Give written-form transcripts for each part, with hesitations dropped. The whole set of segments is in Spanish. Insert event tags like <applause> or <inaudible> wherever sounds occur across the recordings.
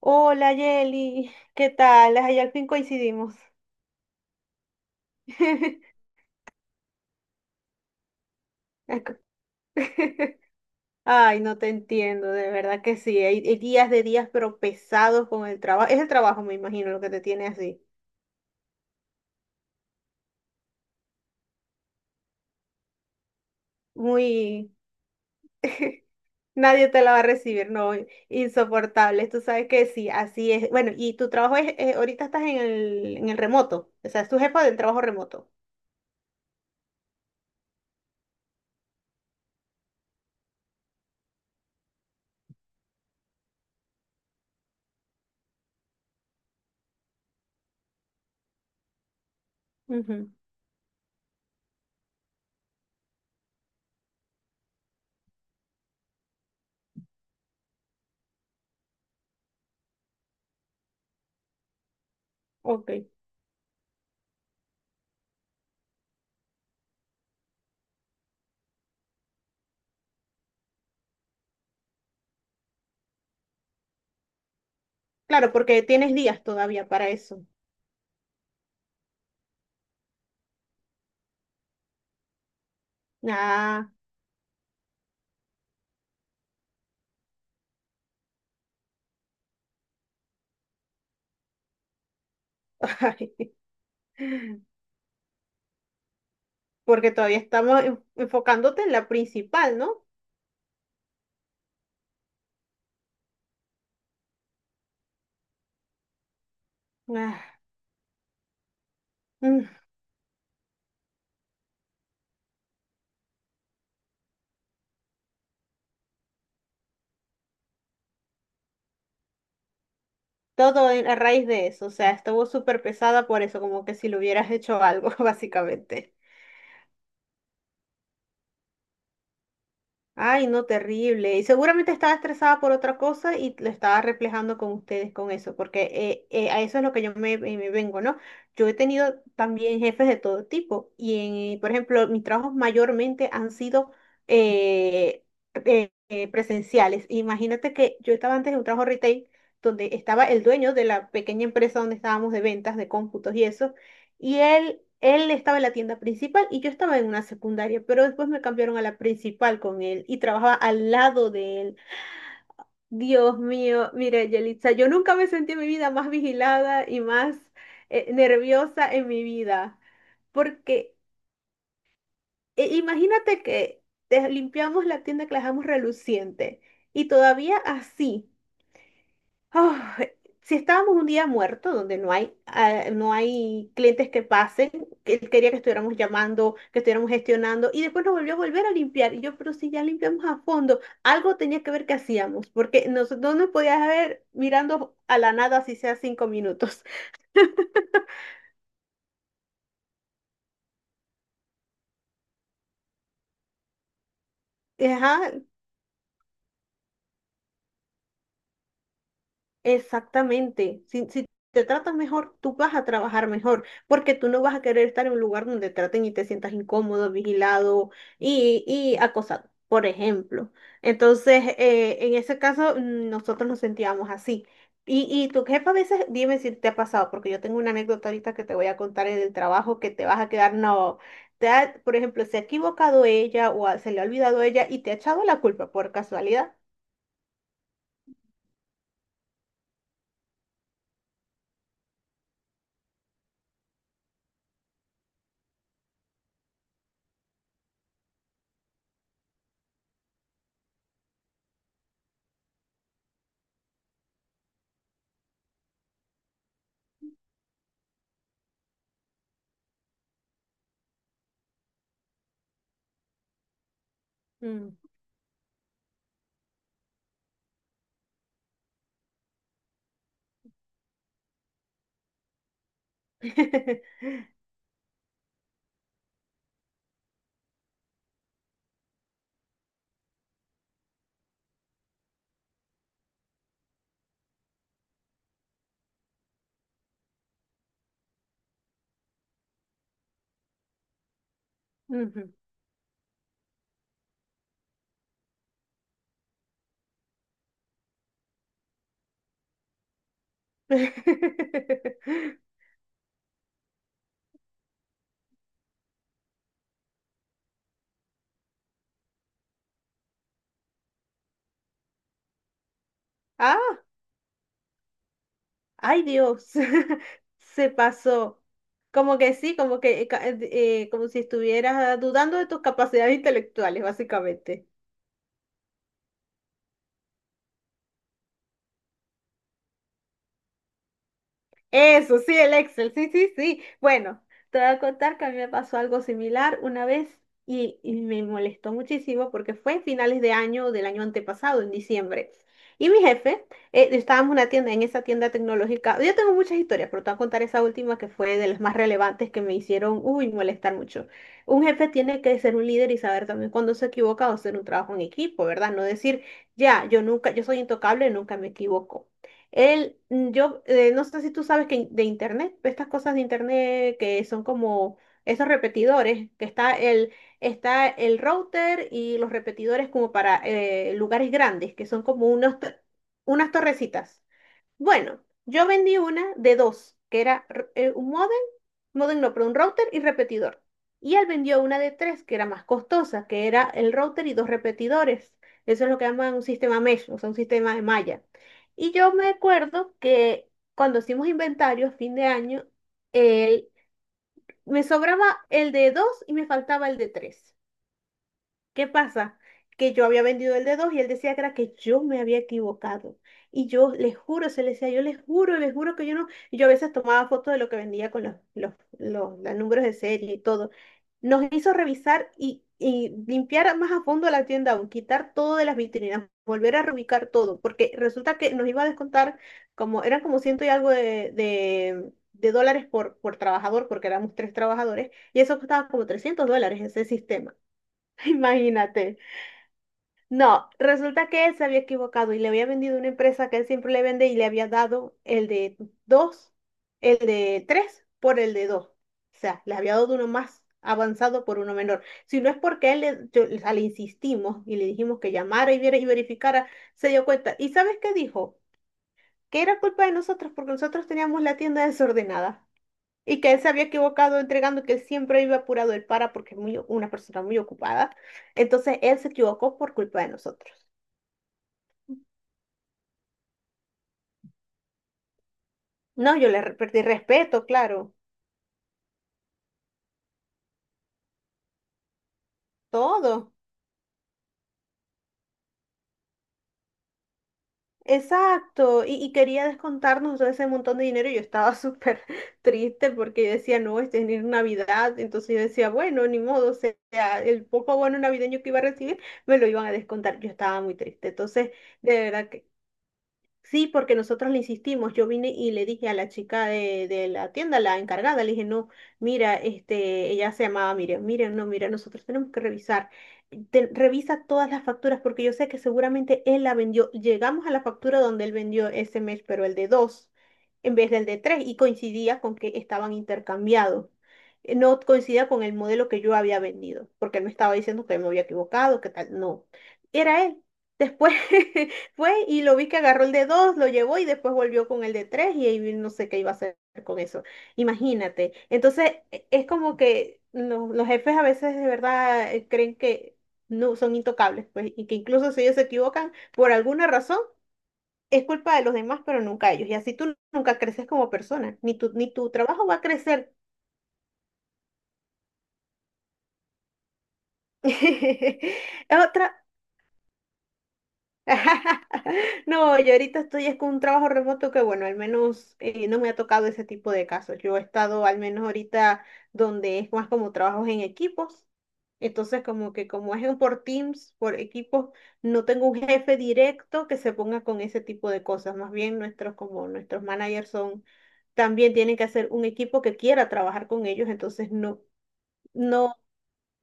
Hola Yeli, ¿qué tal? Ay, al fin coincidimos. <laughs> Ac- <laughs> Ay, no te entiendo, de verdad que sí. Hay días de días, pero pesados con el trabajo. Es el trabajo, me imagino, lo que te tiene así. Muy... <laughs> Nadie te la va a recibir, no, insoportable. Tú sabes que sí, así es. Bueno, y tu trabajo es, ahorita estás en el remoto, o sea, es tu jefa del trabajo remoto. Ujú. Ok. Claro, porque tienes días todavía para eso. Ah, <laughs> ay, porque todavía estamos enfocándote en la principal, ¿no? Ah, mm, todo a raíz de eso, o sea, estuvo súper pesada por eso, como que si le hubieras hecho algo, <laughs> básicamente. Ay, no, terrible. Y seguramente estaba estresada por otra cosa y lo estaba reflejando con ustedes con eso, porque a eso es lo que yo me vengo, ¿no? Yo he tenido también jefes de todo tipo y, por ejemplo, mis trabajos mayormente han sido eh, presenciales. Imagínate que yo estaba antes en un trabajo retail, donde estaba el dueño de la pequeña empresa donde estábamos de ventas, de cómputos y eso, y él estaba en la tienda principal y yo estaba en una secundaria, pero después me cambiaron a la principal con él y trabajaba al lado de él. Dios mío, mira, Yelitza, yo nunca me sentí en mi vida más vigilada y más nerviosa en mi vida, porque imagínate que limpiamos la tienda, que la dejamos reluciente, y todavía así. Ah, si estábamos un día muerto donde no hay clientes que pasen, que él quería que estuviéramos llamando, que estuviéramos gestionando, y después nos volvió a volver a limpiar. Y yo, pero si ya limpiamos a fondo, algo tenía que ver que hacíamos, porque no nos podías ver mirando a la nada si sea 5 minutos. <laughs> Ajá. Exactamente. Si te tratan mejor, tú vas a trabajar mejor, porque tú no vas a querer estar en un lugar donde te traten y te sientas incómodo, vigilado y acosado, por ejemplo. Entonces, en ese caso, nosotros nos sentíamos así. Y tu jefa a veces, dime si te ha pasado, porque yo tengo una anécdota ahorita que te voy a contar en el trabajo, que te vas a quedar. No, por ejemplo, se ha equivocado ella, o se le ha olvidado ella y te ha echado la culpa por casualidad. Mm. <laughs> Ujú. <laughs> Ah, ay Dios, <laughs> se pasó. Como que sí, como que como si estuvieras dudando de tus capacidades intelectuales, básicamente. Eso, sí, el Excel, sí, sí, sí. Bueno, te voy a contar que a mí me pasó algo similar una vez, y me molestó muchísimo porque fue en finales de año del año antepasado, en diciembre. Y mi jefe, estábamos en una tienda, en esa tienda tecnológica. Yo tengo muchas historias, pero te voy a contar esa última, que fue de las más relevantes que me hicieron, uy, molestar mucho. Un jefe tiene que ser un líder y saber también cuándo se equivoca, o hacer un trabajo en equipo, ¿verdad? No decir, ya, yo nunca, yo soy intocable, nunca me equivoco. No sé si tú sabes que de internet, estas cosas de internet que son como esos repetidores, que está el router y los repetidores, como para lugares grandes, que son como unas torrecitas. Bueno, yo vendí una de dos, que era un modem, modem no, pero un router y repetidor. Y él vendió una de tres, que era más costosa, que era el router y dos repetidores. Eso es lo que llaman un sistema mesh, o sea, un sistema de malla. Y yo me acuerdo que cuando hicimos inventario, fin de año, él- me sobraba el de dos y me faltaba el de tres. ¿Qué pasa? Que yo había vendido el de dos, y él decía que era que yo me había equivocado. Y yo les juro, se les decía, yo les juro que yo no. Y yo a veces tomaba fotos de lo que vendía con los números de serie y todo. Nos hizo revisar y limpiar más a fondo la tienda aún, quitar todo de las vitrinas, volver a reubicar todo, porque resulta que nos iba a descontar como, eran como ciento y algo de, de dólares por, trabajador, porque éramos tres trabajadores, y eso costaba como $300 ese sistema. <laughs> Imagínate. No, resulta que él se había equivocado y le había vendido una empresa que él siempre le vende, y le había dado el de dos, el de tres por el de dos. O sea, le había dado uno más avanzado por uno menor. Si no es porque o sea, le insistimos y le dijimos que llamara y viera y verificara, se dio cuenta. ¿Y sabes qué dijo? Que era culpa de nosotros porque nosotros teníamos la tienda desordenada, y que él se había equivocado entregando, que él siempre iba apurado, él, para, porque es muy, una persona muy ocupada. Entonces él se equivocó por culpa de nosotros. No, yo le perdí respeto, claro, todo. Exacto, y quería descontarnos todo ese montón de dinero, y yo estaba súper <laughs> triste, porque yo decía, no, este es Navidad. Entonces yo decía, bueno, ni modo, o sea, el poco bono navideño que iba a recibir, me lo iban a descontar. Yo estaba muy triste, entonces, de verdad. Sí, porque nosotros le insistimos. Yo vine y le dije a la chica de la tienda, la encargada, le dije, no, mira, este, ella se llamaba Miriam, Miriam, no, mira, nosotros tenemos que revisar. Revisa todas las facturas, porque yo sé que seguramente él la vendió. Llegamos a la factura donde él vendió ese mes, pero el de dos en vez del de tres, y coincidía con que estaban intercambiados. No coincidía con el modelo que yo había vendido, porque él me estaba diciendo que me había equivocado, que tal, no. Era él. Después <laughs> fue y lo vi que agarró el de dos, lo llevó y después volvió con el de tres, y ahí no sé qué iba a hacer con eso. Imagínate. Entonces, es como que los jefes a veces de verdad creen que no son intocables, pues, y que incluso si ellos se equivocan por alguna razón, es culpa de los demás, pero nunca ellos. Y así tú nunca creces como persona, ni tu, ni tu trabajo va a crecer. <laughs> Otra. <laughs> No, yo ahorita estoy es con un trabajo remoto que, bueno, al menos no me ha tocado ese tipo de casos. Yo he estado al menos ahorita donde es más como trabajos en equipos. Entonces, como que como es por teams, por equipos, no tengo un jefe directo que se ponga con ese tipo de cosas. Más bien como nuestros managers son, también tienen que hacer un equipo que quiera trabajar con ellos. Entonces, no, no.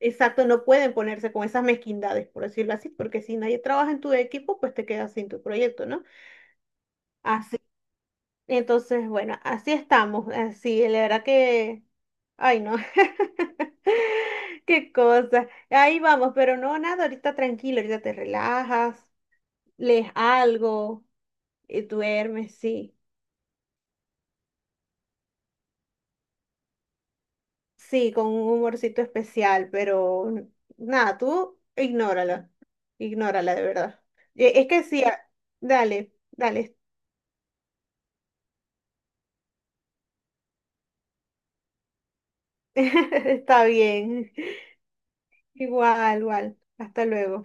Exacto, no pueden ponerse con esas mezquindades, por decirlo así, porque si nadie trabaja en tu equipo, pues te quedas sin tu proyecto, ¿no? Así, entonces, bueno, así estamos, así, la verdad que, ay, no, <laughs> qué cosa, ahí vamos, pero no, nada, ahorita tranquilo, ahorita te relajas, lees algo, y duermes, sí, sí, con un humorcito especial, pero nada, tú ignórala, ignórala de verdad. Es que sí, dale. Dale. <laughs> Está bien. Igual, igual. Hasta luego.